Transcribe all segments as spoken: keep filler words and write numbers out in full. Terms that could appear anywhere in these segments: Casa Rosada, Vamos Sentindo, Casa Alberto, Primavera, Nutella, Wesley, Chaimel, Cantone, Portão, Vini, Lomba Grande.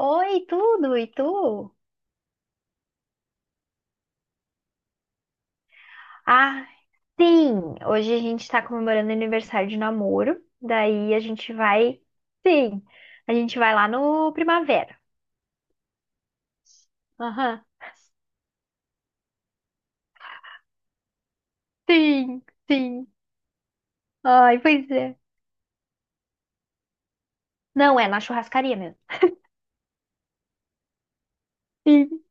Oi, tudo? E tu? Ah, sim! Hoje a gente tá comemorando o aniversário de namoro. Daí a gente vai. Sim! A gente vai lá no Primavera. Aham. Sim, sim. Ai, pois é. Não, é na churrascaria mesmo. Sim.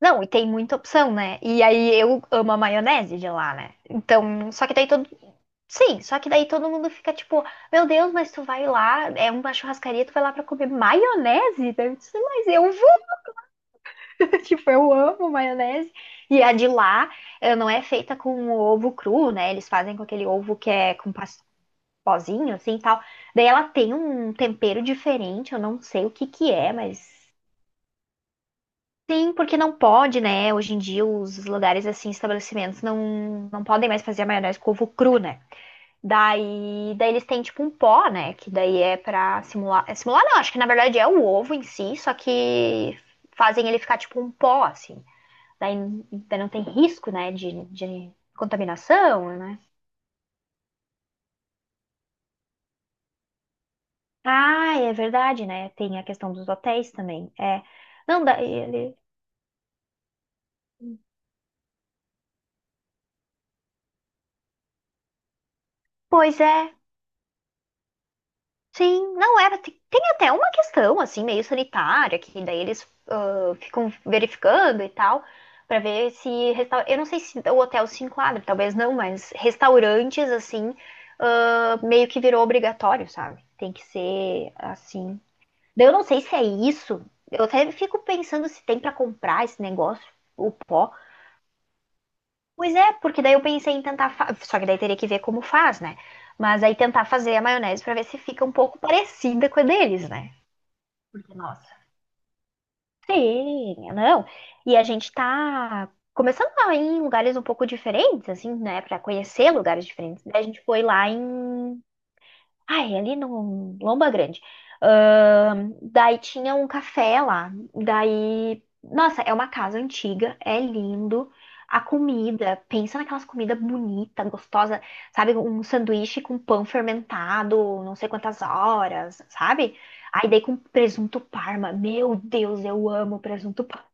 Não, e tem muita opção, né? E aí eu amo a maionese de lá, né? Então, só que daí todo. Sim, só que daí todo mundo fica tipo, meu Deus, mas tu vai lá, é uma churrascaria, tu vai lá pra comer maionese? Daí eu disse, mas eu vou. Tipo, eu amo maionese. E a de lá eh, não é feita com ovo cru, né? Eles fazem com aquele ovo que é com pas- pozinho, assim, tal. Daí ela tem um tempero diferente, eu não sei o que que é, mas... Sim, porque não pode, né? Hoje em dia os lugares, assim, estabelecimentos não, não podem mais fazer a maionese com ovo cru, né? Daí, daí eles têm, tipo, um pó, né? Que daí é pra simular... é simular não, acho que na verdade é o ovo em si, só que fazem ele ficar, tipo, um pó, assim. Daí, não tem risco, né, de, de contaminação, né? Ah, é verdade, né? Tem a questão dos hotéis também. É. Não, daí ele. Pois é, sim, não era. Tem tem até uma questão, assim, meio sanitária, que daí eles ah, ficam verificando e tal, pra ver se. Resta... Eu não sei se o hotel se enquadra, talvez não, mas restaurantes, assim, ah, meio que virou obrigatório, sabe? Tem que ser, assim, daí eu não sei se é isso. Eu até fico pensando se tem pra comprar esse negócio, o pó. Pois é, porque daí eu pensei em tentar. fa- Só que daí teria que ver como faz, né? Mas aí tentar fazer a maionese pra ver se fica um pouco parecida com a deles, né? Porque, nossa. Sim, não. E a gente tá começando a ir em lugares um pouco diferentes, assim, né? Pra conhecer lugares diferentes. Daí a gente foi lá em Ai, ali no Lomba Grande. Ahn, daí tinha um café lá. Daí, nossa, é uma casa antiga, é lindo. A comida, pensa naquelas comidas bonitas, gostosa, sabe? Um sanduíche com pão fermentado, não sei quantas horas, sabe? Aí daí com presunto parma. Meu Deus, eu amo presunto parma.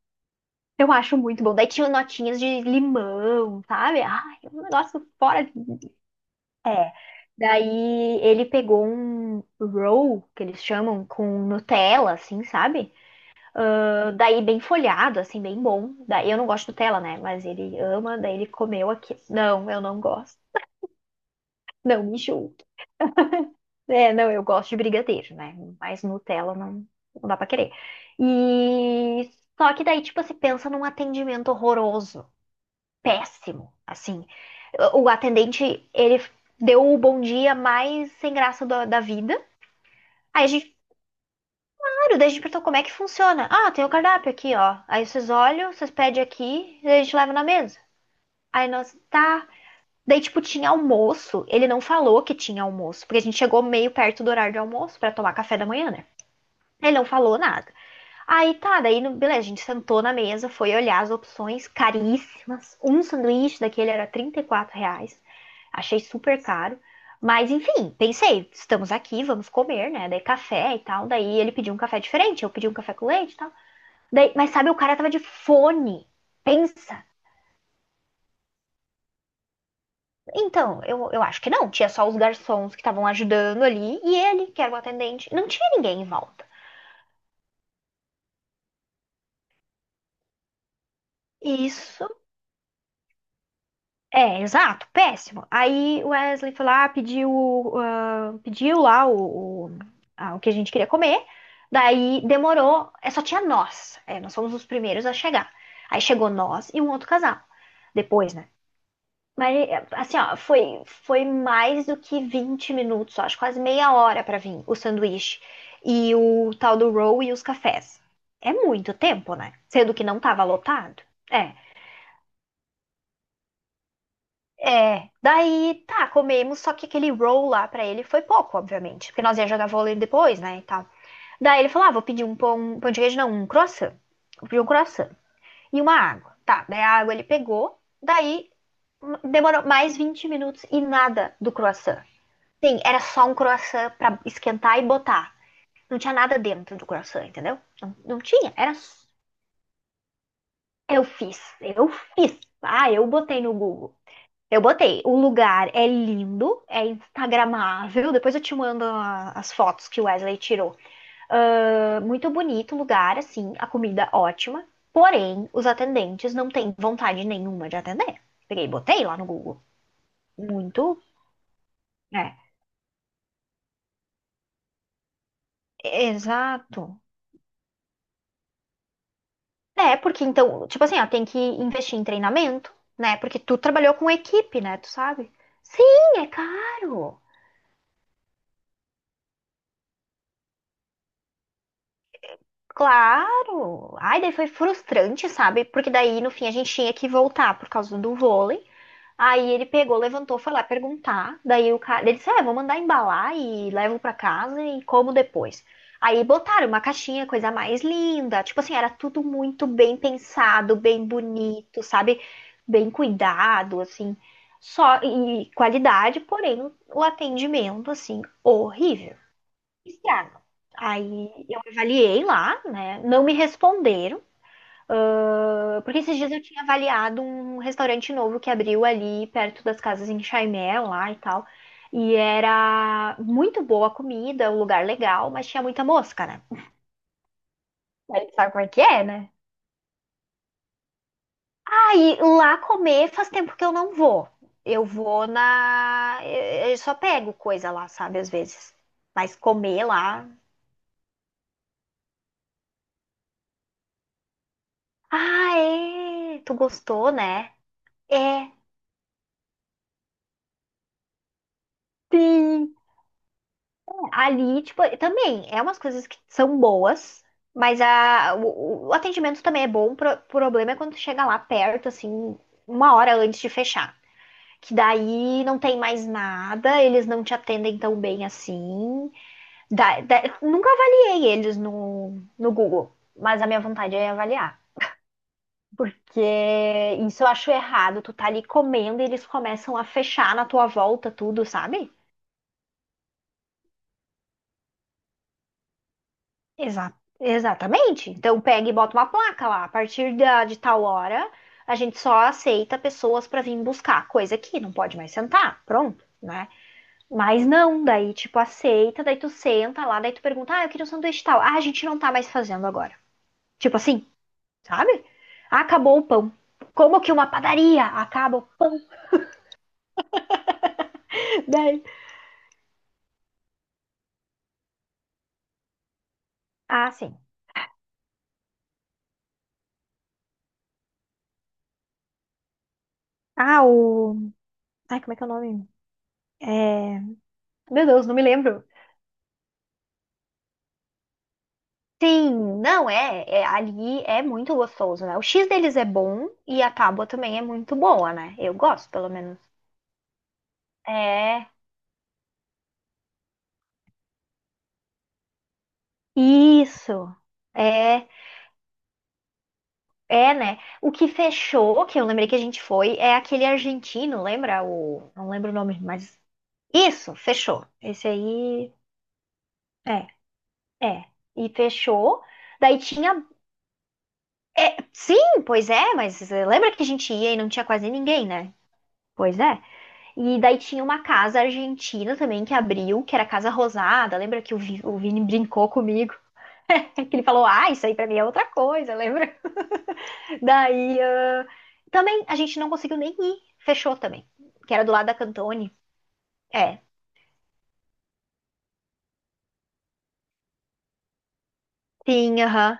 Eu acho muito bom. Daí tinha notinhas de limão, sabe? Ai, um negócio fora é. Daí ele pegou um roll, que eles chamam, com Nutella, assim, sabe? Ah, daí bem folhado, assim, bem bom. Daí eu não gosto de Nutella, né? Mas ele ama, daí ele comeu aqui. Não, eu não gosto. Não, me julgue. É, não, eu gosto de brigadeiro, né? Mas Nutella não, não dá pra querer. E só que daí, tipo, se pensa num atendimento horroroso, péssimo, assim. O o atendente, ele deu o bom dia mais sem graça da da vida. Aí a gente claro, daí a gente perguntou como é que funciona. Ah, tem o cardápio aqui, ó. Aí vocês olham, vocês pedem aqui, e a gente leva na mesa. Aí nós, tá. Daí, tipo, tinha almoço. Ele não falou que tinha almoço, porque a gente chegou meio perto do horário de almoço pra tomar café da manhã, né? Ele não falou nada. Aí tá, daí, no- beleza, a gente sentou na mesa, foi olhar as opções caríssimas. Um sanduíche daquele era trinta e quatro reais. Achei super caro. Mas enfim, pensei, estamos aqui, vamos comer, né? Daí café e tal. Daí ele pediu um café diferente, eu pedi um café com leite e tal. Daí- mas sabe, o cara tava de fone. Pensa. Então, eu, eu acho que não. Tinha só os garçons que estavam ajudando ali e ele, que era o atendente. Não tinha ninguém em volta. Isso. É, exato, péssimo. Aí o Wesley foi lá, pediu, ah, pediu lá o, o, ah, o que a gente queria comer. Daí demorou, é, só tinha nós. É, nós fomos os primeiros a chegar. Aí chegou nós e um outro casal. Depois, né? Mas, assim, ó, foi, foi mais do que vinte minutos, ó, acho quase meia hora pra vir o sanduíche e o tal do roll e os cafés. É muito tempo, né? Sendo que não tava lotado. É, é. Daí, tá, comemos, só que aquele roll lá pra ele foi pouco, obviamente, porque nós ia jogar vôlei depois, né, e tal. Daí ele falou, ah, vou pedir um pão, um pão de queijo, não, um croissant. Vou pedir um croissant e uma água. Tá, daí a água ele pegou, daí demorou mais vinte minutos e nada do croissant. Sim, era só um croissant pra esquentar e botar. Não tinha nada dentro do croissant, entendeu? Não, não tinha, era. S- Eu fiz, eu fiz. Ah, eu botei no Google. Eu botei. O lugar é lindo, é instagramável. Depois eu te mando a- as fotos que o Wesley tirou. Ah, muito bonito o lugar, assim, a comida ótima. Porém, os atendentes não têm vontade nenhuma de atender. Peguei e botei lá no Google. Muito. É, exato. É, porque então, tipo assim, ó, tem que investir em treinamento, né? Porque tu trabalhou com equipe, né? Tu sabe? Sim, é caro. Claro. Ai, daí foi frustrante, sabe? Porque daí, no fim, a gente tinha que voltar por causa do vôlei. Aí ele pegou, levantou, foi lá perguntar. Daí o cara, ele disse: É, vou mandar embalar e levo pra casa e como depois. Aí botaram uma caixinha, coisa mais linda. Tipo assim, era tudo muito bem pensado, bem bonito, sabe? Bem cuidado, assim. Só e qualidade, porém o atendimento, assim, horrível. Estrago. Aí eu avaliei lá, né? Não me responderam. Ah, porque esses dias eu tinha avaliado um restaurante novo que abriu ali perto das casas em Chaimel, lá e tal. E era muito boa a comida, um lugar legal, mas tinha muita mosca, né? Aí sabe como é que é, né? Aí lá comer faz tempo que eu não vou. Eu vou na. Eu eu só pego coisa lá, sabe, às vezes. Mas comer lá. Ah, é! Tu gostou, né? É, sim! Ali, tipo, também é umas coisas que são boas, mas a, o, o atendimento também é bom. O pro- problema é quando tu chega lá perto, assim, uma hora antes de fechar. Que daí não tem mais nada, eles não te atendem tão bem assim. Da- da- nunca avaliei eles no, no Google, mas a minha vontade é avaliar. Porque isso eu acho errado. Tu tá ali comendo e eles começam a fechar na tua volta tudo, sabe? Exa- exatamente. Então pega e bota uma placa lá. A partir da, de tal hora, a gente só aceita pessoas para vir buscar coisa que não pode mais sentar. Pronto, né? Mas não, daí tipo aceita, daí tu senta lá, daí tu pergunta: "Ah, eu queria um sanduíche tal". Ah, a gente não tá mais fazendo agora. Tipo assim, sabe? Acabou o pão. Como que uma padaria acaba o pão? Daí... Ah, sim. Ah, o. Ai, como é que é o nome? É... Meu Deus, não me lembro. Sim, não é, é- ali é muito gostoso, né? O X deles é bom e a tábua também é muito boa, né? Eu gosto, pelo menos. É, isso. É, é, né? O que fechou, que eu lembrei que a gente foi, é aquele argentino, lembra o, não lembro o nome, mas isso, fechou. Esse aí é, é. E fechou. Daí tinha, é, sim, pois é, mas eh, lembra que a gente ia e não tinha quase ninguém, né? Pois é. E daí tinha uma casa argentina também que abriu, que era a Casa Rosada. Lembra que o, Vi- o Vini brincou comigo? Que ele falou, ah, isso aí pra mim é outra coisa, lembra? Daí ah, também a gente não conseguiu nem ir, fechou também, que era do lado da Cantone. É, sim, aham.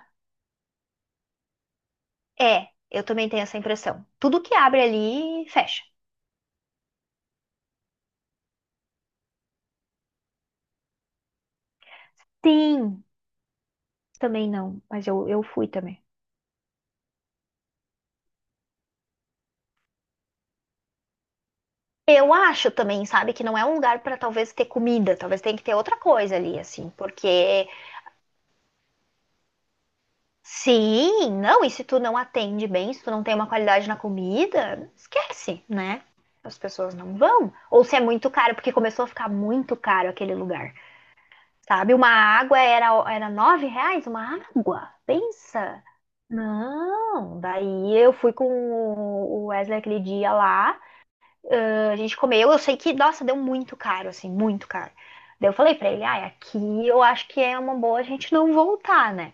É, eu também tenho essa impressão. Tudo que abre ali, fecha. Sim, também não, mas eu, eu fui também. Eu acho também, sabe, que não é um lugar pra talvez ter comida, talvez tenha que ter outra coisa ali, assim, porque sim, não, e se tu não atende bem, se tu não tem uma qualidade na comida, esquece, né? As pessoas não vão. Ou se é muito caro, porque começou a ficar muito caro aquele lugar, sabe? Uma água era, era nove reais, uma água, pensa. Não, daí eu fui com o Wesley aquele dia lá, a gente comeu, eu sei que, nossa, deu muito caro, assim, muito caro. Daí eu falei pra ele, ai, aqui eu acho que é uma boa a gente não voltar, né?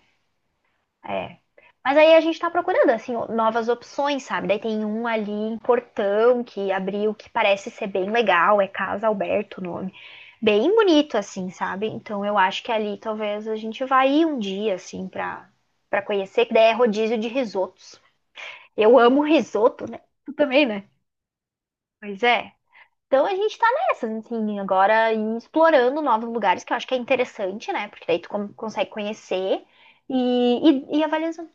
É. Mas aí a gente tá procurando, assim, novas opções, sabe? Daí tem um ali em Portão que abriu, que parece ser bem legal, é Casa Alberto o nome. Bem bonito, assim, sabe? Então eu acho que ali talvez a gente vá ir um dia, assim, pra, pra conhecer, que daí é rodízio de risotos. Eu amo risoto, né? Tu também, né? Pois é. Então a gente tá nessas, assim, agora em explorando novos lugares, que eu acho que é interessante, né? Porque daí tu com- consegue conhecer. E, e, e avaliando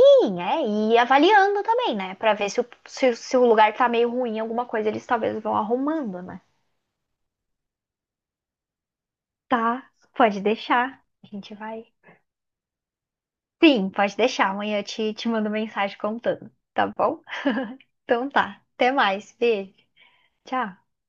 sim, é, e avaliando também, né? Pra ver se o, se, se o lugar tá meio ruim, alguma coisa eles talvez vão arrumando, né? Tá, pode deixar. A gente vai. Sim, pode deixar. Amanhã eu te, te mando mensagem contando, tá bom? Então tá. Até mais. Beijo. Tchau.